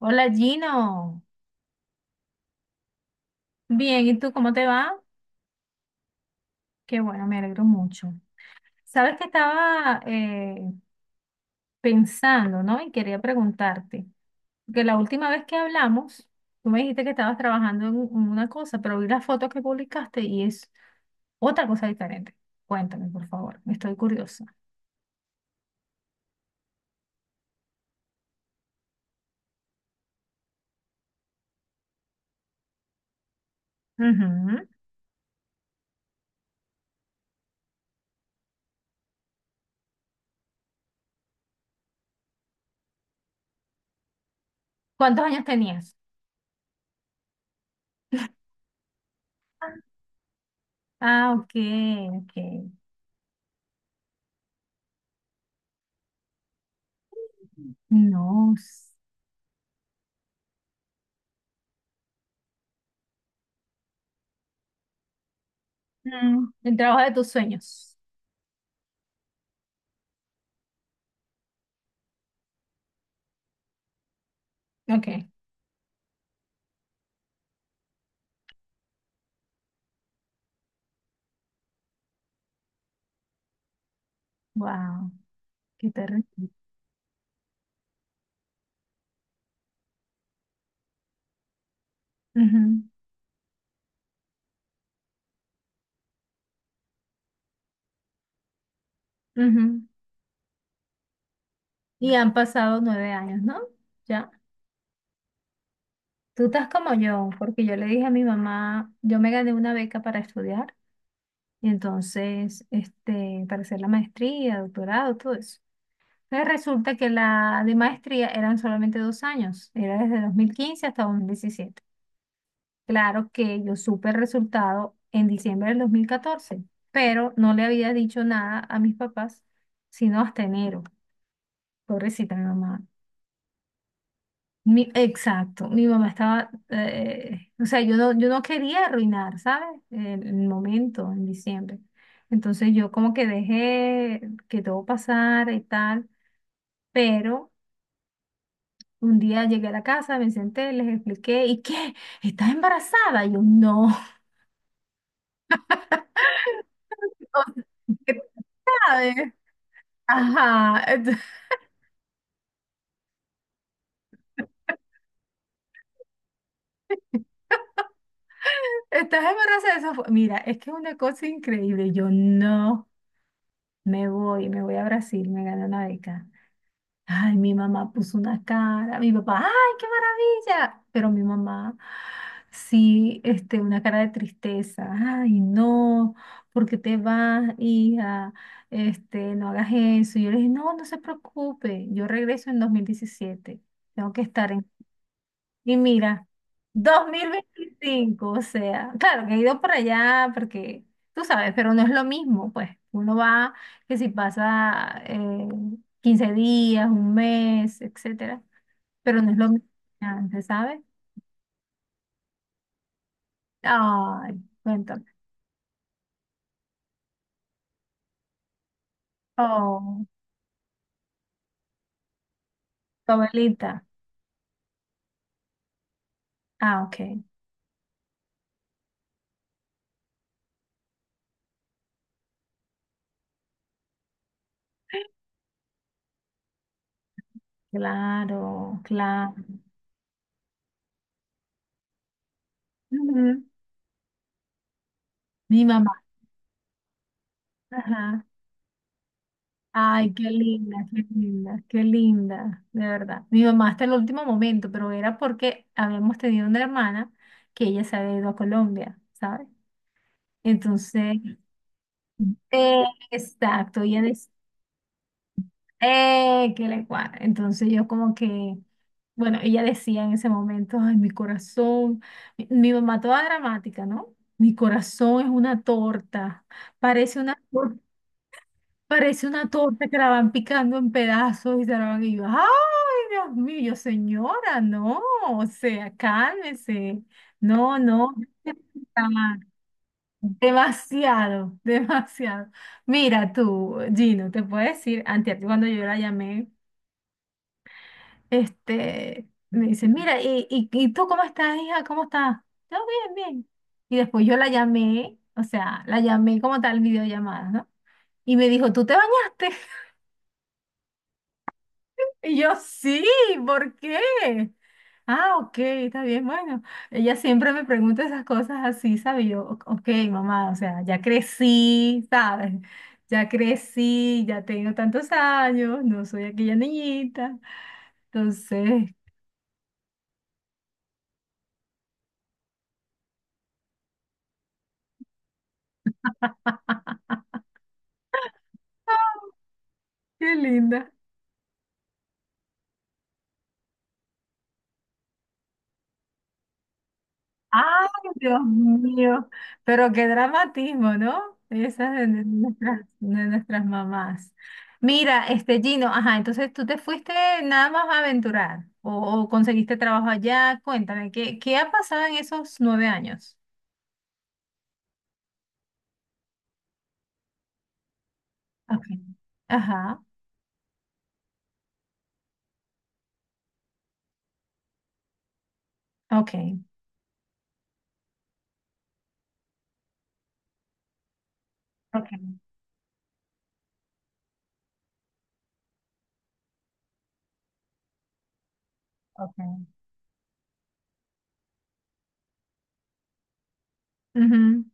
Hola Gino, bien, ¿y tú cómo te va? Qué bueno, me alegro mucho. Sabes que estaba pensando, ¿no? Y quería preguntarte, porque la última vez que hablamos, tú me dijiste que estabas trabajando en una cosa, pero vi las fotos que publicaste y es otra cosa diferente. Cuéntame, por favor, estoy curiosa. Ujú. ¿Cuántos años tenías? Ah, ok, ok. No. Mm, el trabajo de tus sueños. Ok. Wow, qué terrible. Ujú, ujú. Y han pasado nueve años, ¿no? Ya. Tú estás como yo, porque yo le dije a mi mamá, yo me gané una beca para estudiar, y entonces, este, para hacer la maestría, doctorado, todo eso. Entonces resulta que la de maestría eran solamente dos años, era desde 2015 hasta 2017. Claro que yo supe el resultado en diciembre del 2014, pero no le había dicho nada a mis papás, sino hasta enero. Pobrecita mi mamá. Exacto, mi mamá estaba, o sea, yo no quería arruinar, ¿sabes? El momento en diciembre. Entonces yo como que dejé que todo pasara y tal, pero un día llegué a la casa, me senté, les expliqué. ¿Y qué? ¿Estás embarazada? Y yo, no. ¿Qué sabes? Ajá, estás embarazada, Mira, es que es una cosa increíble. Yo no me voy, me voy a Brasil, me gané una beca. Ay, mi mamá puso una cara, mi papá, ¡ay, qué maravilla! Pero mi mamá, sí, este, una cara de tristeza, ¡ay, no! ¿Por qué te vas, hija? Este, no hagas eso. Y yo le dije, no, no se preocupe, yo regreso en 2017. Tengo que estar en y mira, dos mil veinticinco, o sea, claro que he ido para allá porque tú sabes, pero no es lo mismo, pues uno va que si pasa 15 días, un mes, etcétera, pero no es lo mismo que antes, ¿sabes? Ay, cuéntame. Oh, tu abuelita. Ah, ok. Claro, claro. Ujú. Mi mamá. Ajá. Ay, qué linda, qué linda, qué linda, de verdad. Mi mamá hasta el último momento, pero era porque habíamos tenido una hermana que ella se había ido a Colombia, ¿sabes? Entonces, eh, exacto, ella decía, que le cuadra. Entonces yo como que, bueno, ella decía en ese momento, ay, mi corazón, mi mamá toda dramática, ¿no? Mi corazón es una torta, parece una torta. Parece una torta que la van picando en pedazos y se la van y yo, ay, Dios mío, yo, señora, no, o sea, cálmese. No, no, está demasiado, demasiado. Mira tú, Gino, te puedo decir, antes cuando yo la llamé, este, me dice, mira, ¿y tú cómo estás, hija? ¿Cómo estás? Yo, bien, bien. Y después yo la llamé, o sea, la llamé como tal videollamada, ¿no? Y me dijo, ¿tú te bañaste? Y yo, sí, ¿por qué? Ah, ok, está bien, bueno. Ella siempre me pregunta esas cosas así, ¿sabes? Y yo, ok, mamá, o sea, ya crecí, ¿sabes? Ya crecí, ya tengo tantos años, no soy aquella niñita. Entonces, qué linda. Ay, Dios mío, pero qué dramatismo, ¿no? Esas de nuestras mamás. Mira, este Gino, ajá, entonces tú te fuiste nada más a aventurar o conseguiste trabajo allá. Cuéntame, ¿qué, qué ha pasado en esos nueve años? Ok. Ajá, ok. Ok, ok. Ujú,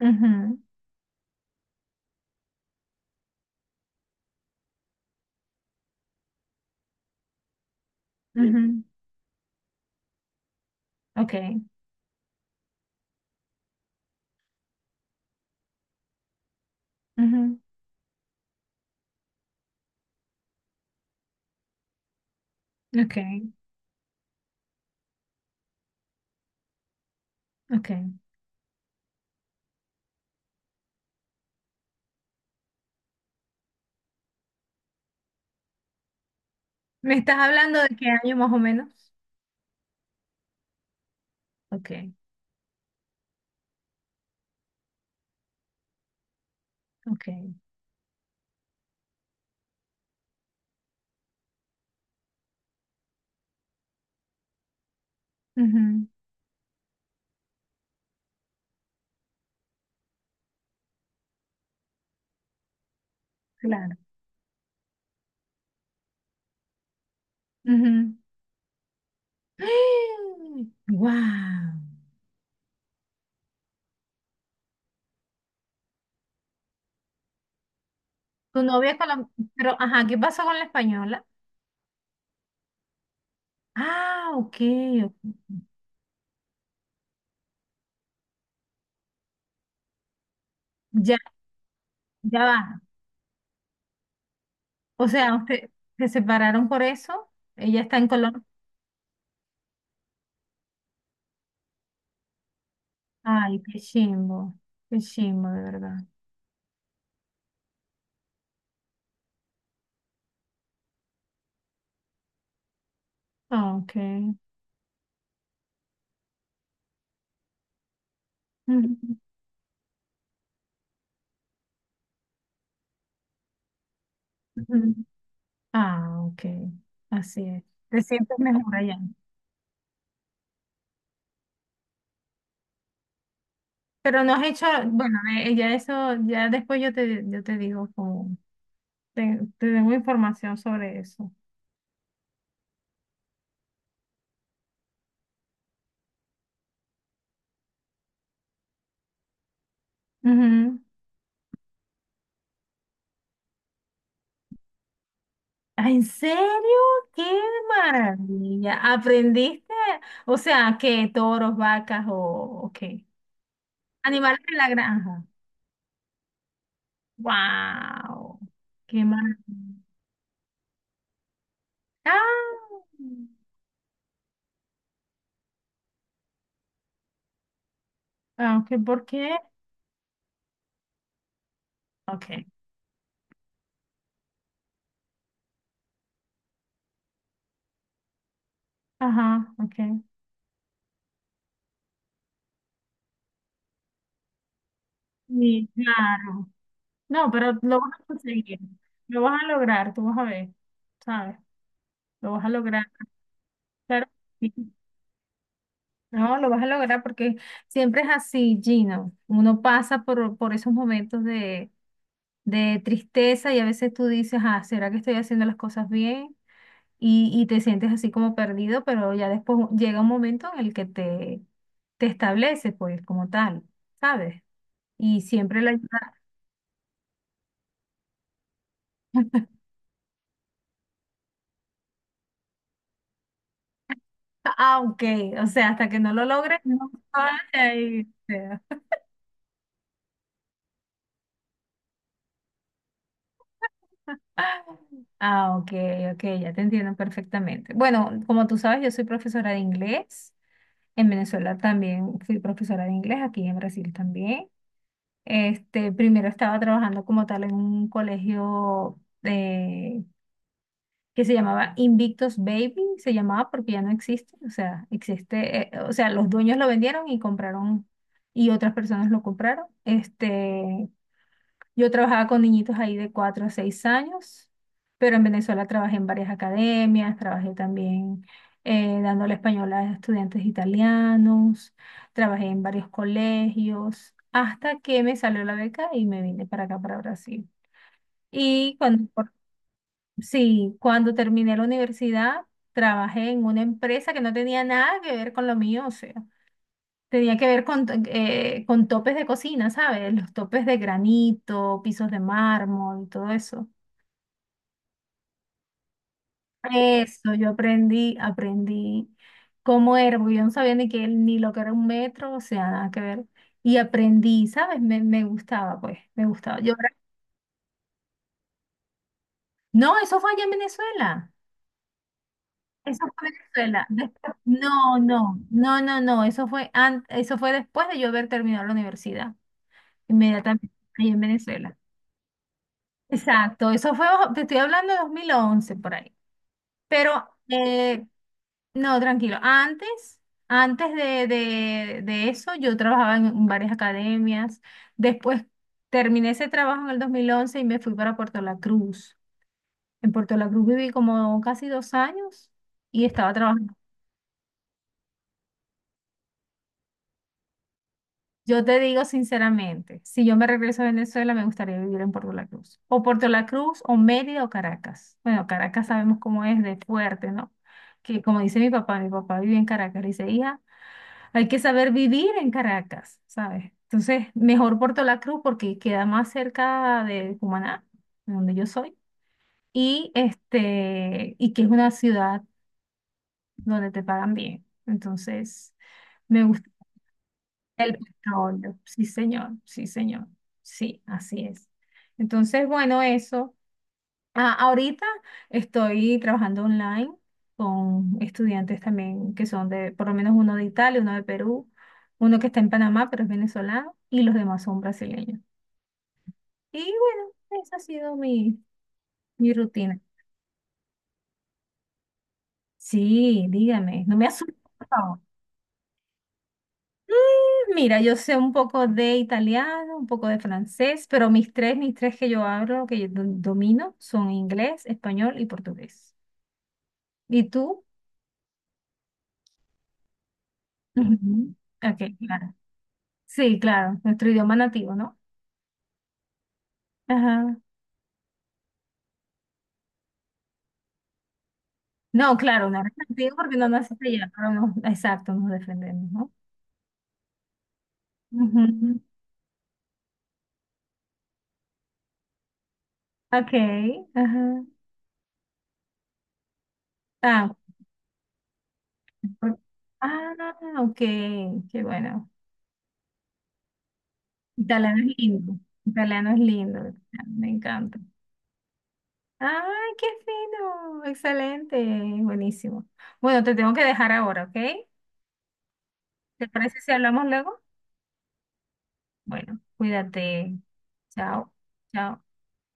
ujú, ujú, ok, ujú, ok, ok. ¿Me estás hablando de qué año más o menos? Ok, ok. Ujú. Claro. Ujú. ¡guau! Tu novia colombiana. Pero, ajá, ¿qué pasó con la española? Ah, ok. Ok. Ya, ya va. O sea, usted, se separaron por eso. Ella está en Colombia. Ay, qué chimbo. Qué chimbo, de verdad. Ah, ok. Ujú, ujú. Ah, ok. Así es. Te sientes mejor allá. Pero no has hecho, bueno, ya eso, ya después yo te digo como, te tengo información sobre eso. Ujú. Ah, ¿en serio? ¡Qué maravilla! ¿Aprendiste? O sea, ¿qué? ¿Toros, vacas o qué? Animales de la granja. ¡Wow! ¡Qué maravilla! ¡Ah! Ah, okay, ¿por qué? Ok. Ajá, ok. Sí, claro. No, pero lo vas a conseguir. Lo vas a lograr, tú vas a ver. ¿Sabes? Lo vas a lograr. Claro. No, lo vas a lograr porque siempre es así, Gino. Uno pasa por esos momentos de tristeza y a veces tú dices, ah, ¿será que estoy haciendo las cosas bien? Y te sientes así como perdido, pero ya después llega un momento en el que te estableces, pues, como tal, ¿sabes? Y siempre la ayuda, ah, ok, o sea, hasta que no lo logres, no sales de ahí, o sea. Ah, ok, ok, ya te entiendo perfectamente. Bueno, como tú sabes, yo soy profesora de inglés. En Venezuela también fui profesora de inglés, aquí en Brasil también. Este, primero estaba trabajando como tal en un que se llamaba Invictus Baby, se llamaba porque ya no existe, o sea, existe, o sea, los dueños lo vendieron y compraron y otras personas lo compraron. Este, yo trabajaba con niñitos ahí de 4 a 6 años, pero en Venezuela trabajé en varias academias, trabajé también dándole español a estudiantes italianos, trabajé en varios colegios, hasta que me salió la beca y me vine para acá, para Brasil. Y cuando, sí, cuando terminé la universidad, trabajé en una empresa que no tenía nada que ver con lo mío, o sea. Tenía que ver con topes de cocina, ¿sabes? Los topes de granito, pisos de mármol, todo eso. Eso, yo aprendí, aprendí cómo era, porque yo no sabía ni que, ni lo que era un metro, o sea, nada que ver. Y aprendí, ¿sabes? Me gustaba, pues, me gustaba. Yo, no, eso fue allá en Venezuela. Eso fue en Venezuela. No, no, no, no, no. Eso fue, eso fue después de yo haber terminado la universidad, inmediatamente, ahí en Venezuela. Exacto, eso fue, te estoy hablando de 2011 por ahí. Pero, eh, no, tranquilo, antes, antes de eso yo trabajaba en varias academias. Después terminé ese trabajo en el 2011 y me fui para Puerto La Cruz. En Puerto La Cruz viví como casi dos años y estaba trabajando. Yo te digo sinceramente, si yo me regreso a Venezuela, me gustaría vivir en Puerto La Cruz. O Puerto La Cruz, o Mérida, o Caracas. Bueno, Caracas sabemos cómo es de fuerte, ¿no? Que como dice mi papá vive en Caracas. Le dice, hija, hay que saber vivir en Caracas, ¿sabes? Entonces, mejor Puerto La Cruz porque queda más cerca de Cumaná, de donde yo soy, y, este, y que es una ciudad donde te pagan bien. Entonces... Me gusta el petróleo, sí señor, sí señor, sí, así es. Entonces, bueno, eso. Ah, ahorita estoy trabajando online con estudiantes también que son de, por lo menos uno de Italia, uno de Perú, uno que está en Panamá, pero es venezolano, y los demás son brasileños. Y bueno, esa ha sido mi, mi rutina. Sí, dígame, no me asuste, por favor. Mira, yo sé un poco de italiano, un poco de francés, pero mis tres que yo hablo, que yo domino, son inglés, español y portugués. ¿Y tú? Ujú. Ok, claro. Sí, claro, nuestro idioma nativo, ¿no? Ajá. No, claro, no eres nativo porque no naciste allá, pero no, exacto, nos defendemos, ¿no? Ujú. Ok, ajá. Ah, por- ah, ok, qué bueno. Italiano es lindo, italiano es lindo, me encanta. ¡Ay, qué fino! Excelente, buenísimo. Bueno, te tengo que dejar ahora, ¿ok? ¿Te parece si hablamos luego? Bueno, cuídate. Chao. Chao.